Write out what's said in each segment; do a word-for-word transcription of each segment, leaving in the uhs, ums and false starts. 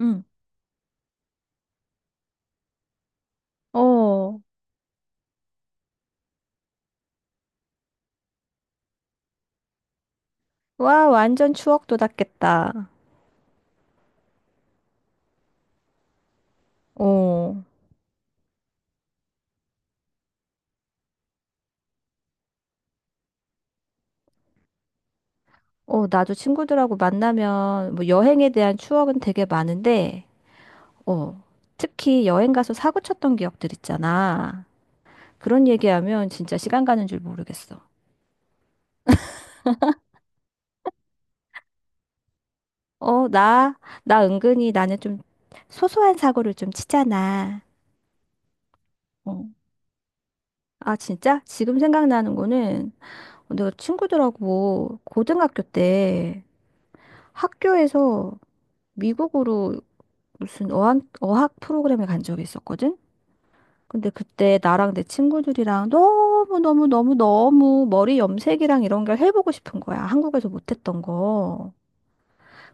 응. 어, 와, 완전 추억 돋았겠다. 어. 어, 나도 친구들하고 만나면 뭐 여행에 대한 추억은 되게 많은데, 어, 특히 여행 가서 사고 쳤던 기억들 있잖아. 그런 얘기하면 진짜 시간 가는 줄 모르겠어. 어, 나, 나 은근히 나는 좀 소소한 사고를 좀 치잖아. 어. 아, 진짜? 지금 생각나는 거는 내가 친구들하고 고등학교 때 학교에서 미국으로 무슨 어학, 어학 프로그램에 간 적이 있었거든? 근데 그때 나랑 내 친구들이랑 너무너무너무너무 머리 염색이랑 이런 걸 해보고 싶은 거야. 한국에서 못했던 거.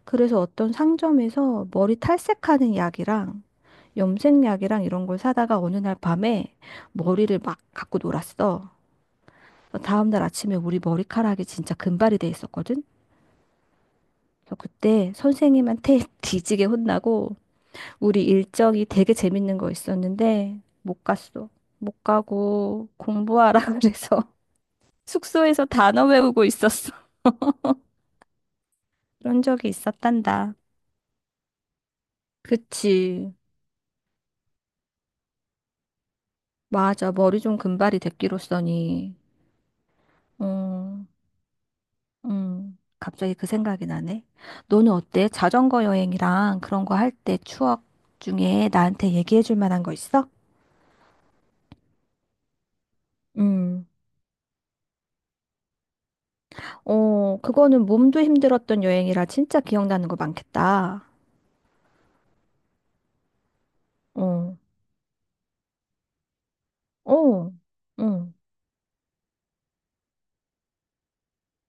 그래서 어떤 상점에서 머리 탈색하는 약이랑 염색약이랑 이런 걸 사다가 어느 날 밤에 머리를 막 갖고 놀았어. 다음날 아침에 우리 머리카락이 진짜 금발이 돼 있었거든? 그래서 그때 선생님한테 뒤지게 혼나고 우리 일정이 되게 재밌는 거 있었는데 못 갔어. 못 가고 공부하라 그래서 숙소에서 단어 외우고 있었어. 그런 적이 있었단다. 그치. 맞아. 머리 좀 금발이 됐기로써니. 음, 음. 갑자기 그 생각이 나네. 너는 어때? 자전거 여행이랑 그런 거 할 때 추억 중에 나한테 얘기해 줄 만한 거 있어? 음. 어, 그거는 몸도 힘들었던 여행이라 진짜 기억나는 거 많겠다. 어. 어, 응,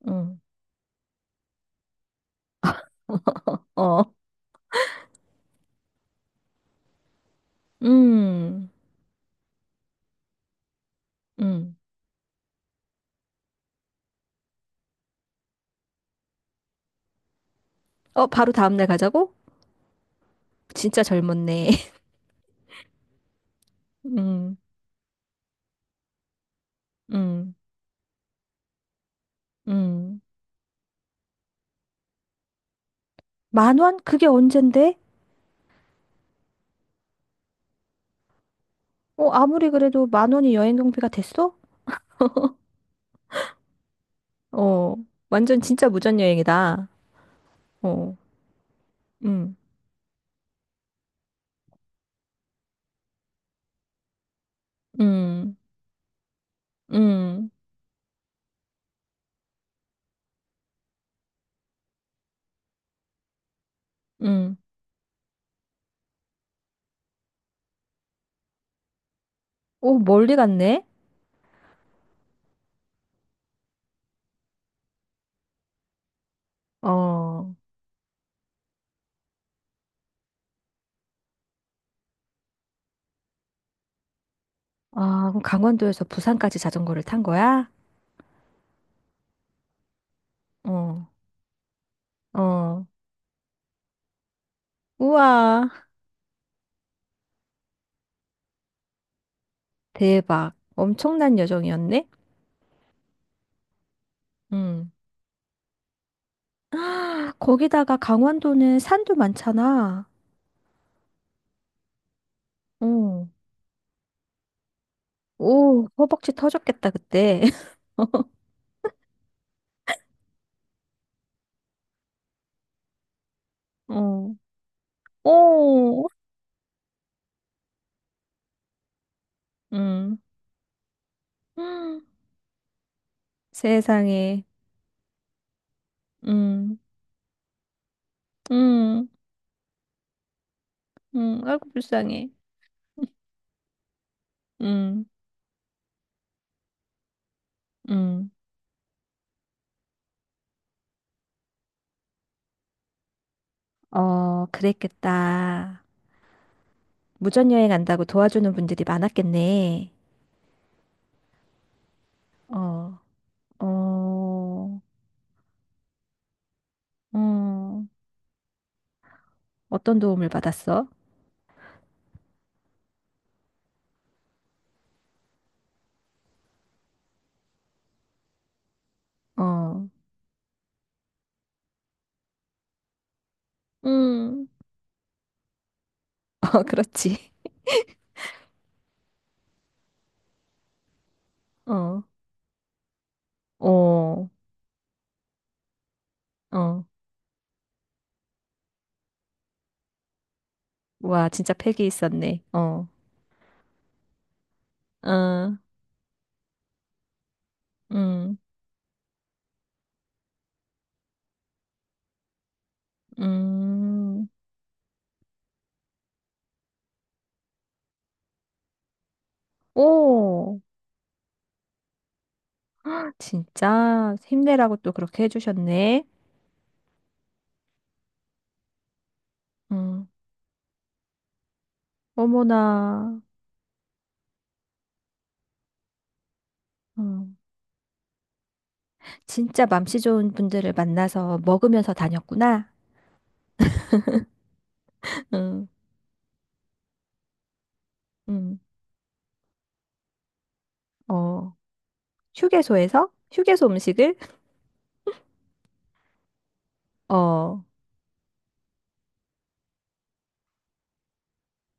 응, 어, 음, 음. 어, 바로 다음날 가자고? 진짜 젊었네. 음, 음, 음. 만 원? 그게 언젠데? 어, 아무리 그래도 만 원이 여행 경비가 됐어? 어, 완전 진짜 무전여행이다. 어, 음, 음, 음, 음. 오, 멀리 갔네? 어, 아, 그럼 강원도에서 부산까지 자전거를 탄 거야? 어, 어. 우와, 대박. 엄청난 여정이었네? 응. 아, 거기다가 강원도는 산도 많잖아. 어, 오, 허벅지 터졌겠다, 그때. 어, 어, 음. 세상에. 응, 응, 응. 아이고, 불쌍해. 응, 응. 어, 그랬겠다. 무전여행 안다고 도와주는 분들이 많았겠네. 어, 어, 어, 어떤 도움을 받았어? 어, 응. 어, 그렇지. 어. 어, 어. 와, 진짜 팩이 있었네. 어, 어, 음, 음. 오, 진짜 힘내라고 또 그렇게 해주셨네. 음, 어머나. 음, 진짜 맘씨 좋은 분들을 만나서 먹으면서 다녔구나. 음, 음. 어, 휴게소에서? 휴게소 음식을? 어, 어,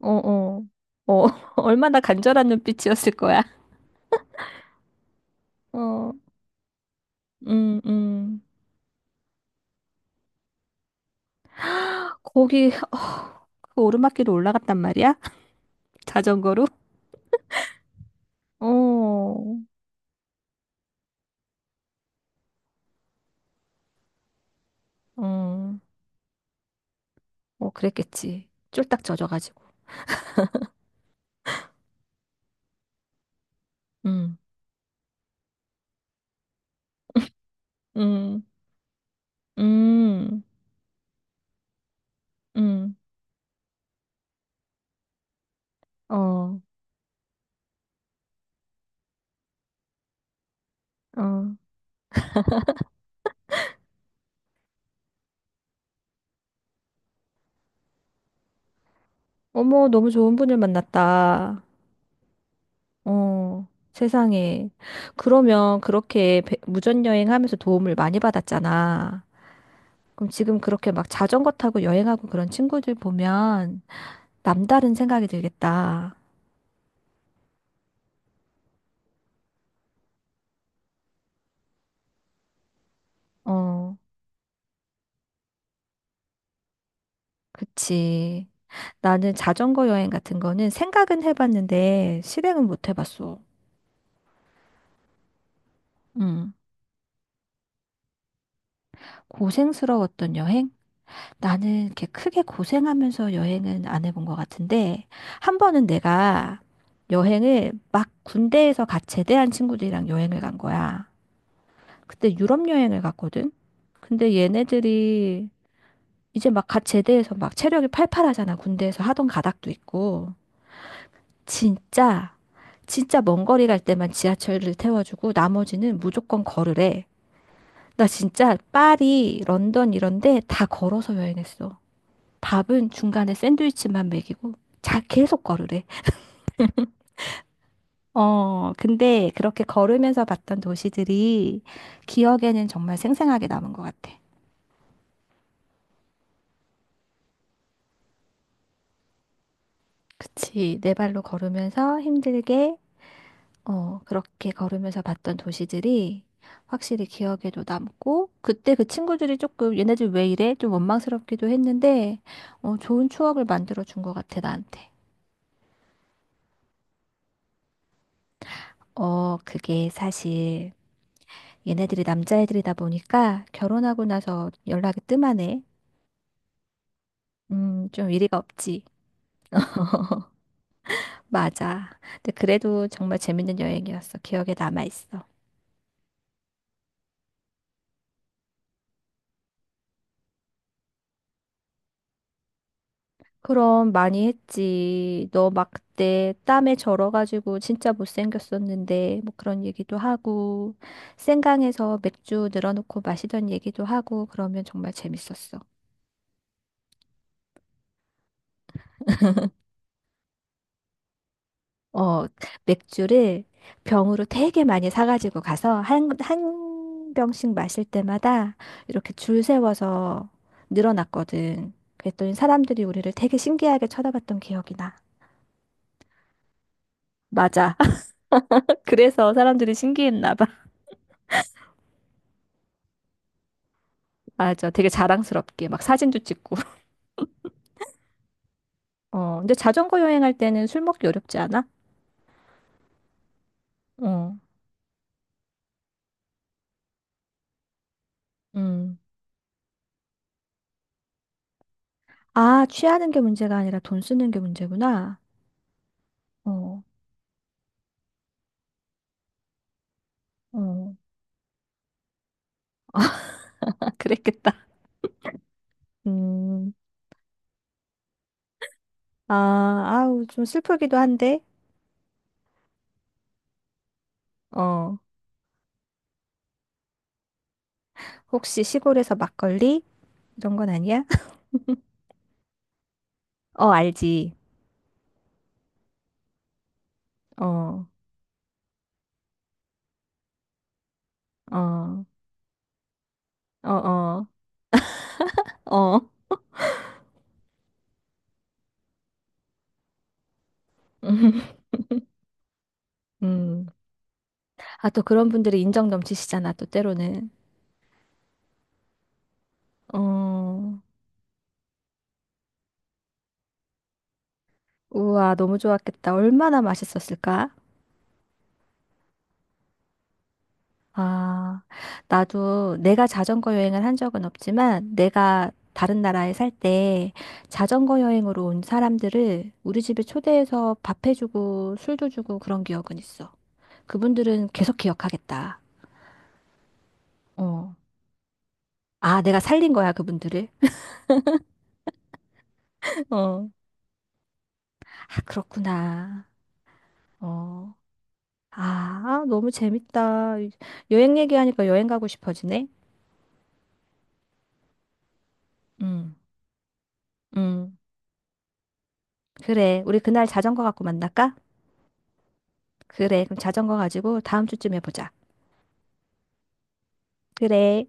어. 어, 얼마나 간절한 눈빛이었을 거야. 어, 음, 음. 거기 어, 그 오르막길로 올라갔단 말이야? 자전거로? 어, 어, 어, 그랬겠지. 쫄딱 젖어가지고. 음, 음, 음, 음, 어, 어. 어머, 너무 좋은 분을 만났다. 어, 세상에. 그러면 그렇게 배- 무전여행하면서 도움을 많이 받았잖아. 그럼 지금 그렇게 막 자전거 타고 여행하고 그런 친구들 보면 남다른 생각이 들겠다. 어, 그치. 나는 자전거 여행 같은 거는 생각은 해봤는데 실행은 못 해봤어. 음. 고생스러웠던 여행? 나는 이렇게 크게 고생하면서 여행은 안 해본 것 같은데, 한 번은 내가 여행을 막 군대에서 갓 제대한 친구들이랑 여행을 간 거야. 그때 유럽 여행을 갔거든? 근데 얘네들이 이제 막 갓 제대해서 막 체력이 팔팔하잖아. 군대에서 하던 가닥도 있고. 진짜, 진짜 먼 거리 갈 때만 지하철을 태워주고 나머지는 무조건 걸으래. 나 진짜 파리, 런던 이런데 다 걸어서 여행했어. 밥은 중간에 샌드위치만 먹이고 자 계속 걸으래. 어, 근데 그렇게 걸으면서 봤던 도시들이 기억에는 정말 생생하게 남은 것 같아. 그치, 내 발로 걸으면서 힘들게 어, 그렇게 걸으면서 봤던 도시들이 확실히 기억에도 남고, 그때 그 친구들이 조금 얘네 들 왜 이래? 좀 원망스럽기도 했는데, 어, 좋은 추억을 만들어 준 것 같아, 나한테. 어, 그게 사실 얘네들이 남자애들이다 보니까 결혼하고 나서 연락이 뜸하네. 음, 좀 이리가 없지. 맞아. 근데 그래도 정말 재밌는 여행이었어. 기억에 남아있어. 그럼 많이 했지. 너 막 그때 땀에 절어가지고 진짜 못생겼었는데 뭐 그런 얘기도 하고 생강에서 맥주 늘어놓고 마시던 얘기도 하고 그러면 정말 재밌었어. 어, 맥주를 병으로 되게 많이 사가지고 가서 한, 한 병씩 마실 때마다 이렇게 줄 세워서 늘어났거든 그랬더니 사람들이 우리를 되게 신기하게 쳐다봤던 기억이 나. 맞아. 그래서 사람들이 신기했나 봐. 맞아. 되게 자랑스럽게 막 사진도 찍고. 어, 근데 자전거 여행할 때는 술 먹기 어렵지 않아? 어, 음. 아, 취하는 게 문제가 아니라 돈 쓰는 게 문제구나. 어, 어. 아, 그랬겠다. 음. 아, 아우, 좀 슬프기도 한데. 어, 혹시 시골에서 막걸리? 이런 건 아니야? 어, 알지. 어, 어, 어, 어, 어. 음. 아, 또 그런 분들이 인정 넘치시잖아, 또 때로는. 어. 우와, 너무 좋았겠다. 얼마나 맛있었을까? 아, 나도 내가 자전거 여행을 한 적은 없지만, 내가 다른 나라에 살 때 자전거 여행으로 온 사람들을 우리 집에 초대해서 밥해주고 술도 주고 그런 기억은 있어. 그분들은 계속 기억하겠다. 어. 아, 내가 살린 거야, 그분들을. 어. 아, 그렇구나. 어. 아, 너무 재밌다. 여행 얘기하니까 여행 가고 싶어지네. 음. 음. 그래, 우리 그날 자전거 갖고 만날까? 그래, 그럼 자전거 가지고 다음 주쯤에 보자. 그래.